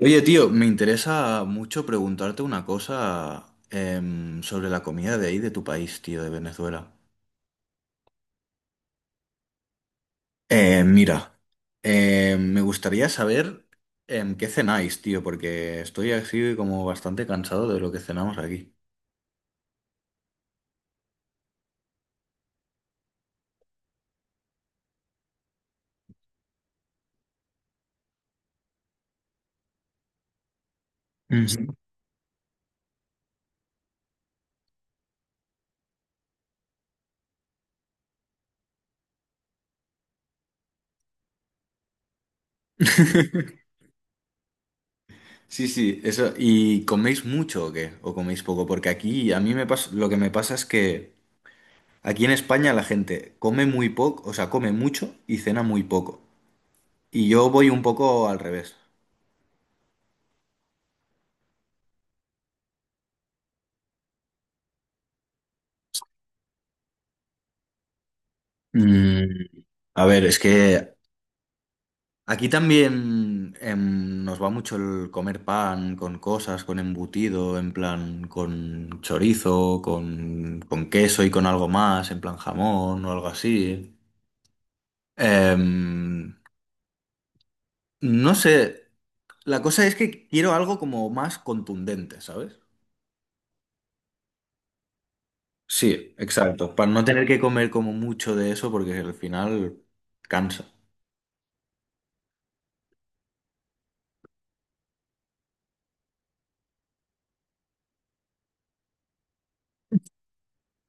Oye, tío, me interesa mucho preguntarte una cosa sobre la comida de ahí, de tu país, tío, de Venezuela. Mira, me gustaría saber qué cenáis, tío, porque estoy así como bastante cansado de lo que cenamos aquí. Ujú. Sí, sí, eso. ¿Y coméis mucho o qué? ¿O coméis poco? Porque aquí a mí me pasa, lo que me pasa es que aquí en España la gente come muy poco, o sea, come mucho y cena muy poco. Y yo voy un poco al revés. Mm, a ver, es que aquí también nos va mucho el comer pan con cosas, con embutido, en plan con chorizo, con queso y con algo más, en plan jamón o algo así. Em, no sé, la cosa es que quiero algo como más contundente, ¿sabes? Sí, exacto, para no tener que comer como mucho de eso porque al final cansa.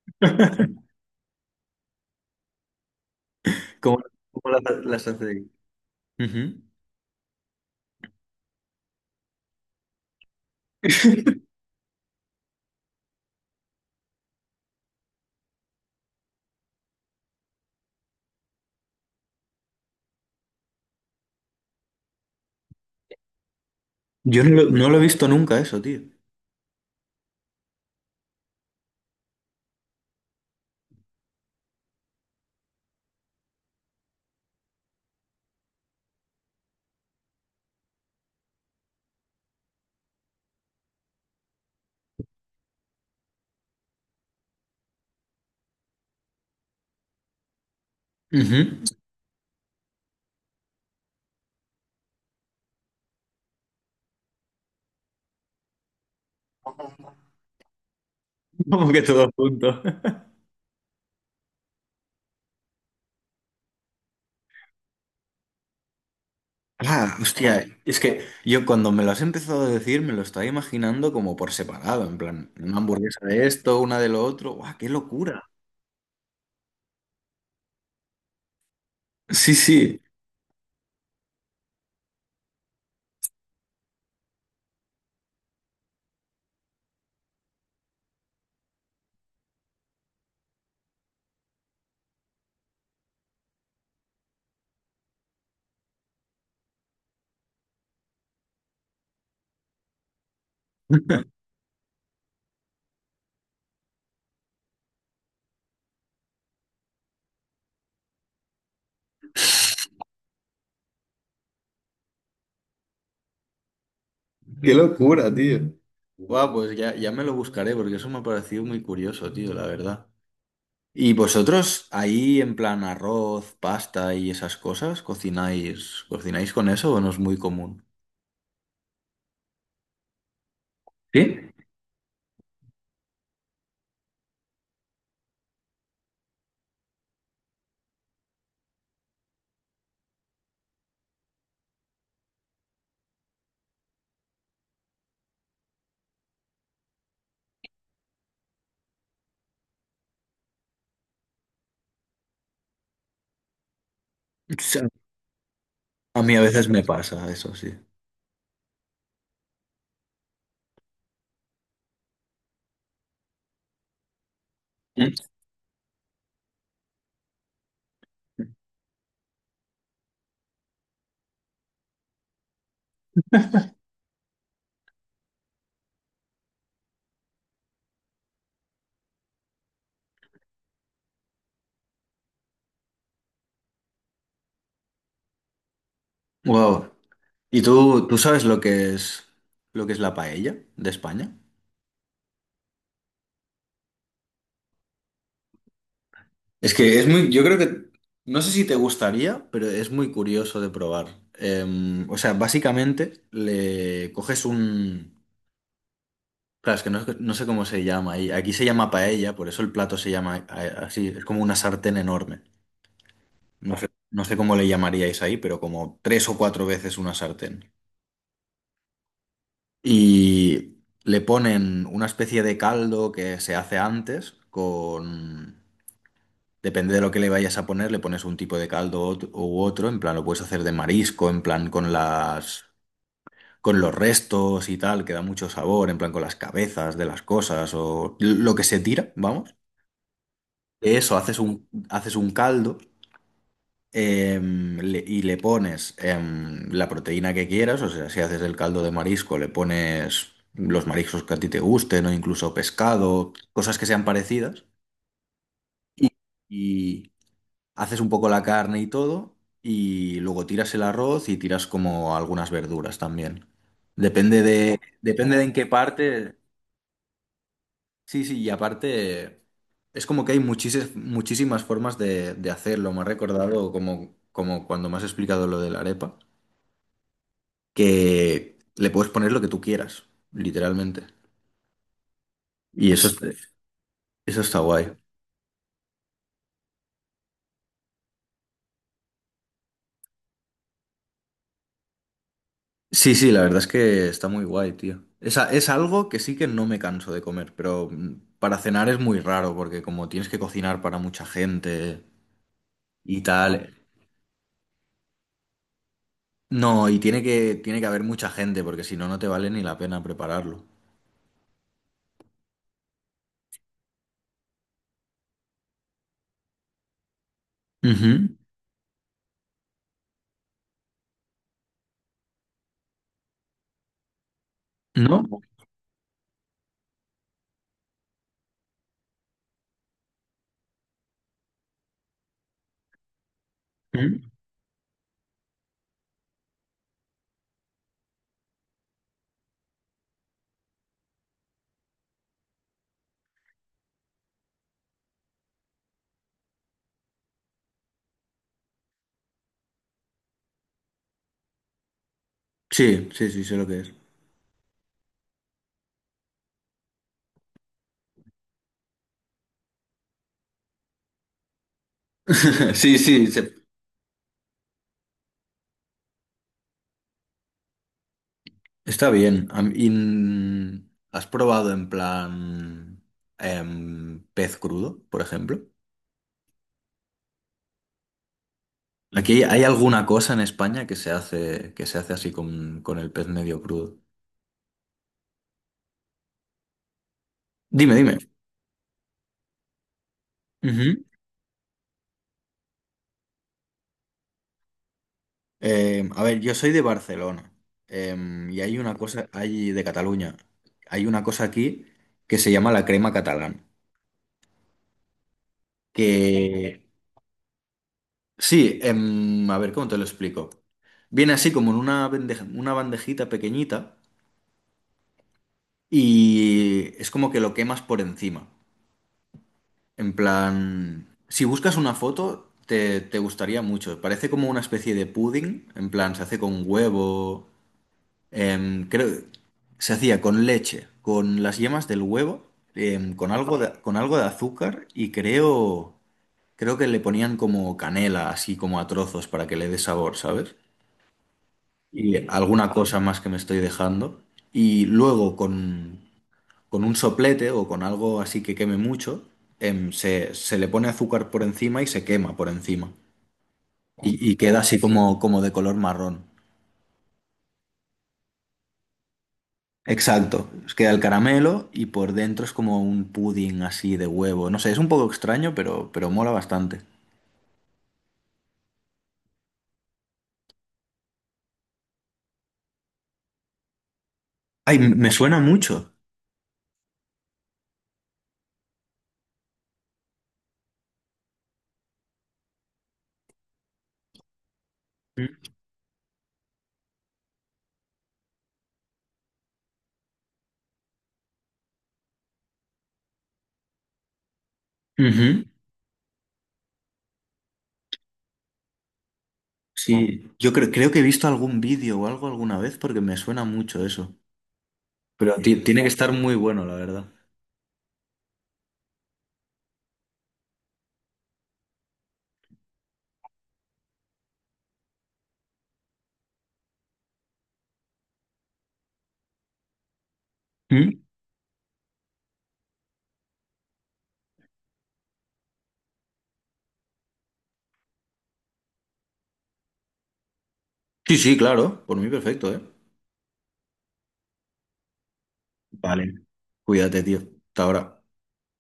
Como, como las hace. Ujú. Yo no lo he visto nunca eso, tío. Ujú. Como que todo junto. Ah, hostia, es que yo cuando me lo has empezado a decir me lo estaba imaginando como por separado, en plan, una hamburguesa de esto, una de lo otro. ¡Guau, qué locura! Sí, sí. Qué locura, tío. Guau, pues ya, ya me lo buscaré porque eso me ha parecido muy curioso, tío, la verdad. ¿Y vosotros ahí en plan arroz, pasta y esas cosas, cocináis con eso o no es muy común? ¿Sí? A mí a veces me pasa eso, sí. Mm. Wow. ¿Y tú sabes lo que es la paella de España? Es que es muy, yo creo que, no sé si te gustaría, pero es muy curioso de probar. O sea, básicamente le coges un, claro, es que no sé cómo se llama ahí. Aquí se llama paella, por eso el plato se llama así, es como una sartén enorme. No sé cómo le llamaríais ahí, pero como tres o cuatro veces una sartén. Y le ponen una especie de caldo que se hace antes con... Depende de lo que le vayas a poner, le pones un tipo de caldo u otro, en plan lo puedes hacer de marisco, en plan con las... con los restos y tal, que da mucho sabor, en plan con las cabezas de las cosas o lo que se tira, vamos. De eso haces un caldo y le pones la proteína que quieras, o sea, si haces el caldo de marisco, le pones los mariscos que a ti te gusten o incluso pescado, cosas que sean parecidas, y, y haces un poco la carne y todo, y luego tiras el arroz y tiras como algunas verduras también. Depende de en qué parte, sí, sí, y aparte... Es como que hay muchísimas, muchísimas formas de hacerlo. Me ha recordado como cuando me has explicado lo de la arepa. Que le puedes poner lo que tú quieras, literalmente. Y eso, eso está guay. Sí, sí, la verdad es que está muy guay, tío. Es, es algo que sí que no me canso de comer, pero para cenar es muy raro porque como tienes que cocinar para mucha gente y tal. No, y tiene que haber mucha gente porque si no, no te vale ni la pena prepararlo. Ujú. ¿No? Ujú. Sí, sí, sí, sé lo que es. Sí, sí, está bien. Y, ¿has probado en plan pez crudo, por ejemplo? Aquí hay alguna cosa en España que se hace así con, el pez medio crudo. Dime, dime. Ujú. A ver, yo soy de Barcelona y hay una cosa, hay de Cataluña, hay una cosa aquí que se llama la crema catalana. Que sí, a ver, ¿cómo te lo explico? Viene así como en una bandejita pequeñita. Y es como que lo quemas por encima. En plan, si buscas una foto, te gustaría mucho. Parece como una especie de pudding. En plan, se hace con huevo. Creo, se hacía con leche, con las yemas del huevo, con algo de azúcar y creo que le ponían como canela, así como a trozos para que le dé sabor, ¿sabes? Y alguna cosa más que me estoy dejando. Y luego con un soplete o con algo así que queme mucho, se le pone azúcar por encima y se quema por encima. Y queda así como de color marrón. Exacto, os queda el caramelo y por dentro es como un pudding así de huevo. No sé, es un poco extraño, pero mola bastante. Ay, me suena mucho. Ujú. No, sí, yo creo que he visto algún vídeo o algo alguna vez porque me suena mucho eso. Pero tiene que no, estar muy bueno, la verdad. ¿Mm? Sí, sí, claro, por mí perfecto, ¿eh? Vale, cuídate, tío. Hasta ahora.